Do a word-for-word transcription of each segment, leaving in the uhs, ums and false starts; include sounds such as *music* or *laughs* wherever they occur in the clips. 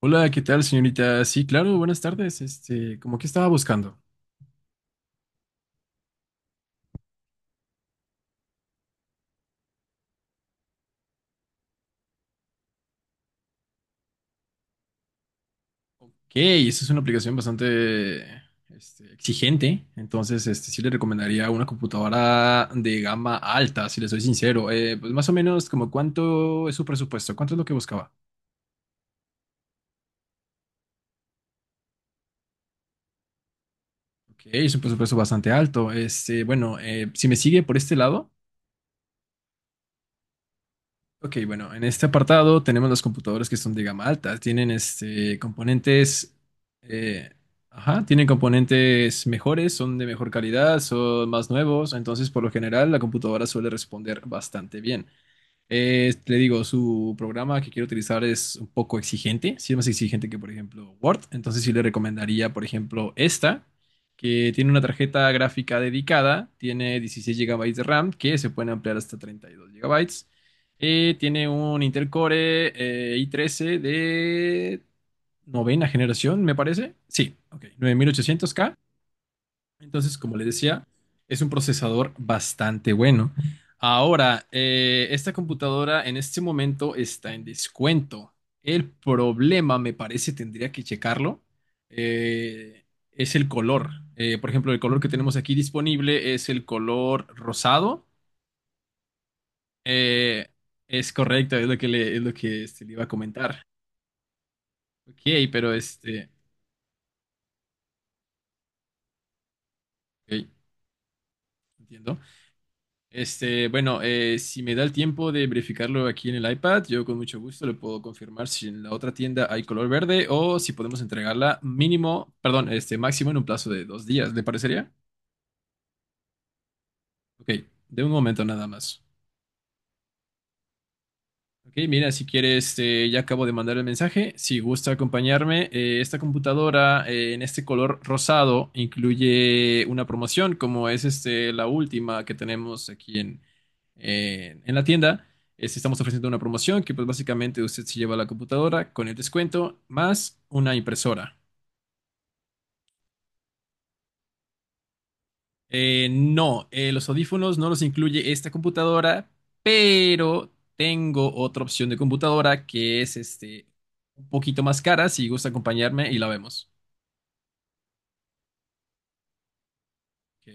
Hola, ¿qué tal, señorita? Sí, claro, buenas tardes. Este, ¿cómo que estaba buscando? Ok, esa es una aplicación bastante, este, exigente. Entonces, este, sí le recomendaría una computadora de gama alta, si le soy sincero. Eh, pues más o menos, como cuánto es su presupuesto, cuánto es lo que buscaba. Ok, es un presupuesto bastante alto. Este, bueno, eh, si me sigue por este lado. Ok, bueno, en este apartado tenemos las computadoras que son de gama alta. Tienen este, componentes, eh, ajá, tienen componentes mejores, son de mejor calidad, son más nuevos. Entonces, por lo general, la computadora suele responder bastante bien. Eh, le digo, su programa que quiero utilizar es un poco exigente, sí es más exigente que, por ejemplo, Word. Entonces sí le recomendaría, por ejemplo, esta, que tiene una tarjeta gráfica dedicada, tiene dieciséis gigabytes de RAM, que se pueden ampliar hasta treinta y dos gigabytes. Eh, tiene un Intel Core eh, i trece de novena generación, me parece. Sí, ok, nueve mil ochocientos k. Entonces, como les decía, es un procesador bastante bueno. Ahora, eh, esta computadora en este momento está en descuento. El problema, me parece, tendría que checarlo, eh, es el color. Eh, por ejemplo, el color que tenemos aquí disponible es el color rosado. Eh, es correcto, es lo que le, es lo que este, le iba a comentar. Ok, pero este, ok, entiendo. Este, bueno, eh, si me da el tiempo de verificarlo aquí en el iPad, yo con mucho gusto le puedo confirmar si en la otra tienda hay color verde o si podemos entregarla mínimo, perdón, este máximo en un plazo de dos días, ¿le parecería? Ok, de un momento nada más. Ok, mira, si quieres, eh, ya acabo de mandar el mensaje. Si gusta acompañarme, eh, esta computadora eh, en este color rosado incluye una promoción, como es este, la última que tenemos aquí en, en- en la tienda. Es- estamos ofreciendo una promoción que pues básicamente usted se lleva la computadora con el descuento más una impresora. Eh, no, eh, los audífonos no los incluye esta computadora, pero tengo otra opción de computadora que es este un poquito más cara. Si gusta acompañarme y la vemos. Ok.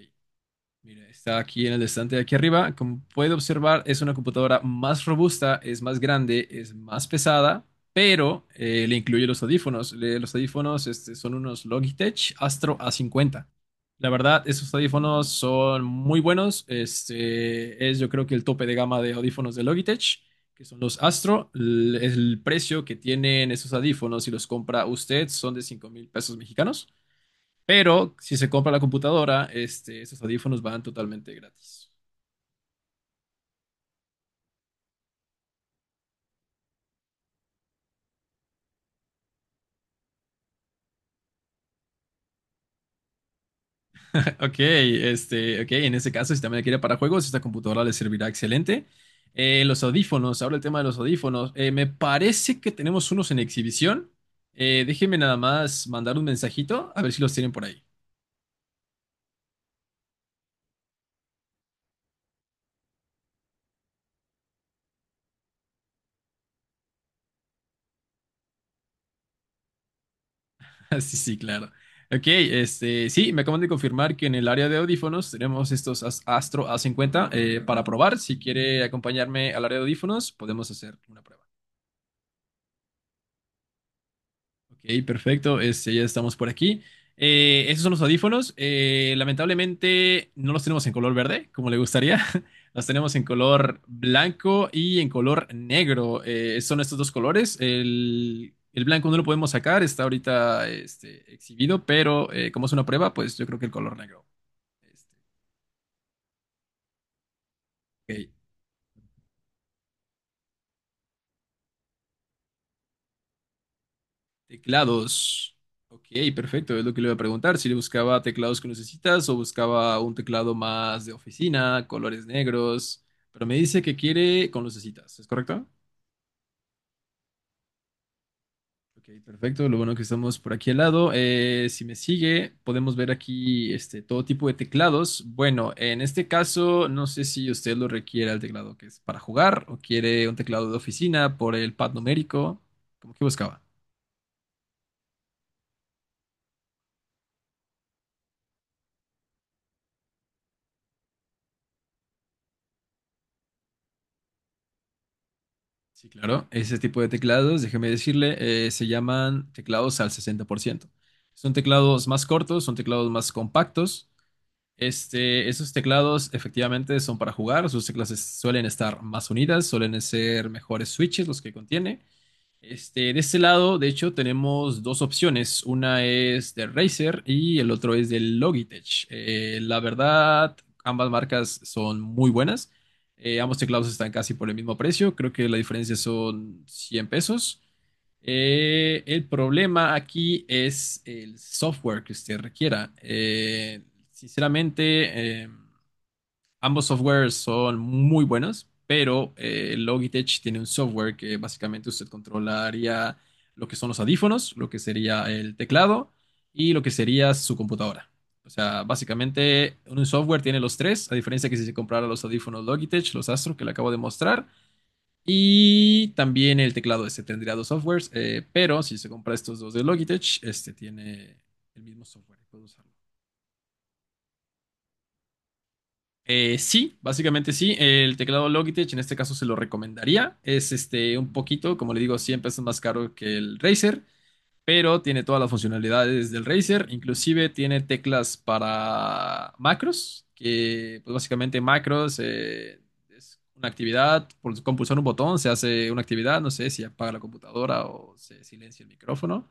Mira, está aquí en el estante de aquí arriba. Como puede observar, es una computadora más robusta, es más grande, es más pesada, pero eh, le incluye los audífonos. Le- los audífonos este, son unos Logitech Astro a cincuenta. La verdad, esos audífonos son muy buenos. Este, es yo creo que el tope de gama de audífonos de Logitech, que son los Astro. L- el precio que tienen esos audífonos, si los compra usted, son de cinco mil pesos mexicanos. Pero si se compra la computadora, este, esos audífonos van totalmente gratis. *laughs* Ok, este, ok, en ese caso, si también la quiere para juegos, esta computadora le servirá excelente. Eh, los audífonos, ahora el tema de los audífonos. Eh, me parece que tenemos unos en exhibición. Eh, déjenme nada más mandar un mensajito a ver si los tienen por ahí. *laughs* Sí, sí, claro. Ok, este, sí, me acaban de confirmar que en el área de audífonos tenemos estos As- Astro a cincuenta eh, para probar. Si quiere acompañarme al área de audífonos, podemos hacer una prueba. Ok, perfecto. Este, ya estamos por aquí. Eh, esos son los audífonos. Eh, lamentablemente no los tenemos en color verde, como le gustaría. *laughs* Los tenemos en color blanco y en color negro. Eh, son estos dos colores. El, el blanco no lo podemos sacar, está ahorita este, exhibido, pero eh, como es una prueba, pues yo creo que el color negro. Este, ok. Teclados. Ok, perfecto. Es lo que le iba a preguntar. Si le buscaba teclados con necesitas o buscaba un teclado más de oficina, colores negros. Pero me dice que quiere con lucecitas, ¿es correcto? Ok, perfecto. Lo bueno que estamos por aquí al lado. Eh, si me sigue, podemos ver aquí este, todo tipo de teclados. Bueno, en este caso, no sé si usted lo requiere el teclado que es para jugar o quiere un teclado de oficina por el pad numérico. ¿Cómo que buscaba? Sí, claro. Ese tipo de teclados, déjeme decirle, eh, se llaman teclados al sesenta por ciento. Son teclados más cortos, son teclados más compactos. Este, esos teclados efectivamente son para jugar. Sus teclas es- suelen estar más unidas, suelen ser mejores switches los que contiene. Este, de este lado, de hecho, tenemos dos opciones. Una es de Razer y el otro es de Logitech. Eh, la verdad, ambas marcas son muy buenas. Eh, ambos teclados están casi por el mismo precio. Creo que la diferencia son cien pesos. Eh, el problema aquí es el software que usted requiera. Eh, sinceramente, em, Ambos softwares son muy buenos, pero eh, Logitech tiene un software que básicamente usted controlaría lo que son los audífonos, lo que sería el teclado y lo que sería su computadora. O sea, básicamente un software tiene los tres, a diferencia que si se comprara los audífonos Logitech, los Astro que le acabo de mostrar, y también el teclado este tendría dos softwares, eh, pero si se compra estos dos de Logitech, este tiene el mismo software, puede usarlo. Eh, sí, básicamente sí. El teclado Logitech en este caso se lo recomendaría. Es este un poquito, como le digo, cien pesos más caro que el Razer, pero tiene todas las funcionalidades del Razer. Inclusive tiene teclas para macros, que pues básicamente macros eh, es una actividad, por, con pulsar un botón se hace una actividad, no sé si apaga la computadora o se silencia el micrófono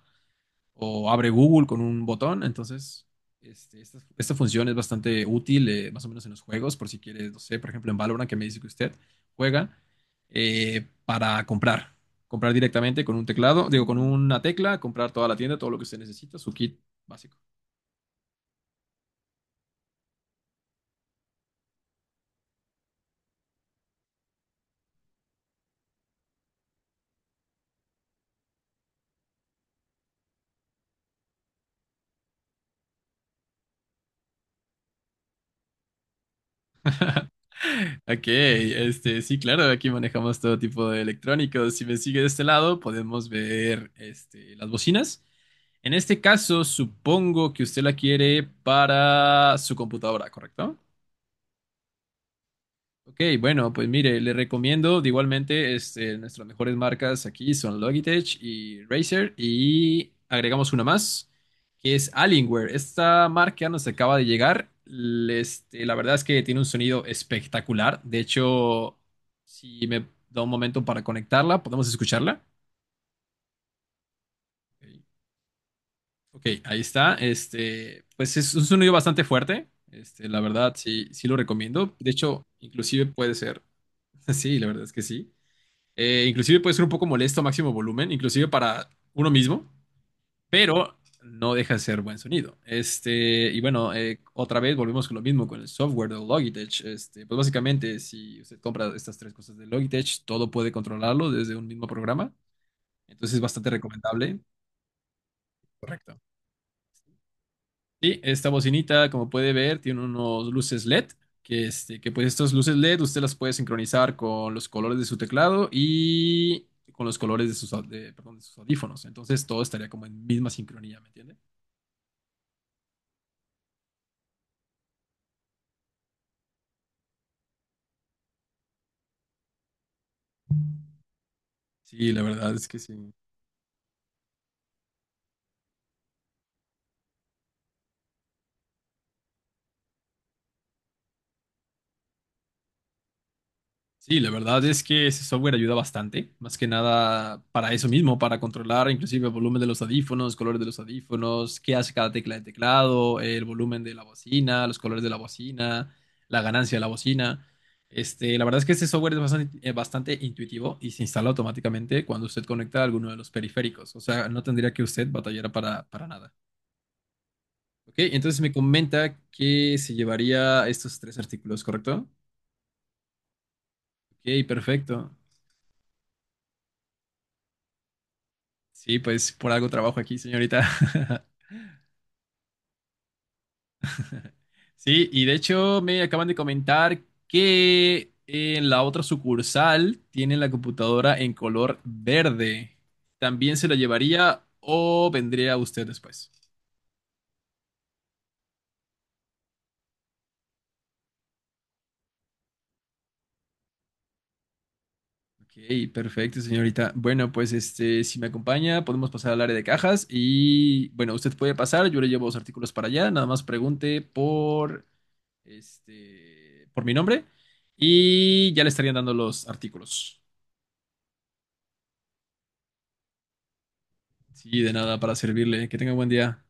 o abre Google con un botón. Entonces, este, esta, esta función es bastante útil, eh, más o menos en los juegos, por si quieres, no sé, por ejemplo, en Valorant, que me dice que usted juega eh, para comprar. Comprar directamente con un teclado, digo, con una tecla, comprar toda la tienda, todo lo que usted necesita, su kit básico. Ok, este, sí, claro, aquí manejamos todo tipo de electrónicos. Si me sigue de este lado, podemos ver este, las bocinas. En este caso, supongo que usted la quiere para su computadora, ¿correcto? Ok, bueno, pues mire, le recomiendo de igualmente este, nuestras mejores marcas aquí son Logitech y Razer y agregamos una más que es Alienware. Esta marca nos acaba de llegar. le- este, la verdad es que tiene un sonido espectacular. De hecho, si me da un momento para conectarla, podemos escucharla. Ok, ok, ahí está. Este, pues es un sonido bastante fuerte. Este, la verdad, sí, sí lo recomiendo. De hecho, inclusive puede ser. *laughs* Sí, la verdad es que sí. Eh, inclusive puede ser un poco molesto a máximo volumen, inclusive para uno mismo, pero no deja de ser buen sonido. Este, y bueno, eh, otra vez volvemos con lo mismo con el software de Logitech. Este, pues básicamente, si usted compra estas tres cosas de Logitech, todo puede controlarlo desde un mismo programa. Entonces es bastante recomendable. Correcto. Y esta bocinita, como puede ver, tiene unos luces L E D, que, este, que pues estas luces L E D usted las puede sincronizar con los colores de su teclado y con los colores de sus, au- de- perdón, de sus audífonos. Entonces todo estaría como en misma sincronía, ¿me entiende? Sí, la verdad es que sí. Sí, la verdad es que ese software ayuda bastante, más que nada para eso mismo, para controlar inclusive el volumen de los audífonos, colores de los audífonos, qué hace cada tecla de teclado, el volumen de la bocina, los colores de la bocina, la ganancia de la bocina. Este, la verdad es que este software es bastante, eh, bastante intuitivo y se instala automáticamente cuando usted conecta alguno de los periféricos, o sea, no tendría que usted batallar para, para nada. Ok, entonces me comenta que se llevaría estos tres artículos, ¿correcto? Ok, perfecto. Sí, pues por algo trabajo aquí, señorita. *laughs* Sí, y de hecho me acaban de comentar que en la otra sucursal tienen la computadora en color verde. ¿También se la llevaría o vendría usted después? Ok, perfecto, señorita. Bueno, pues este, si me acompaña, podemos pasar al área de cajas y bueno, usted puede pasar, yo le llevo los artículos para allá, nada más pregunte por este, por mi nombre y ya le estarían dando los artículos. Sí, de nada, para servirle. Que tenga buen día.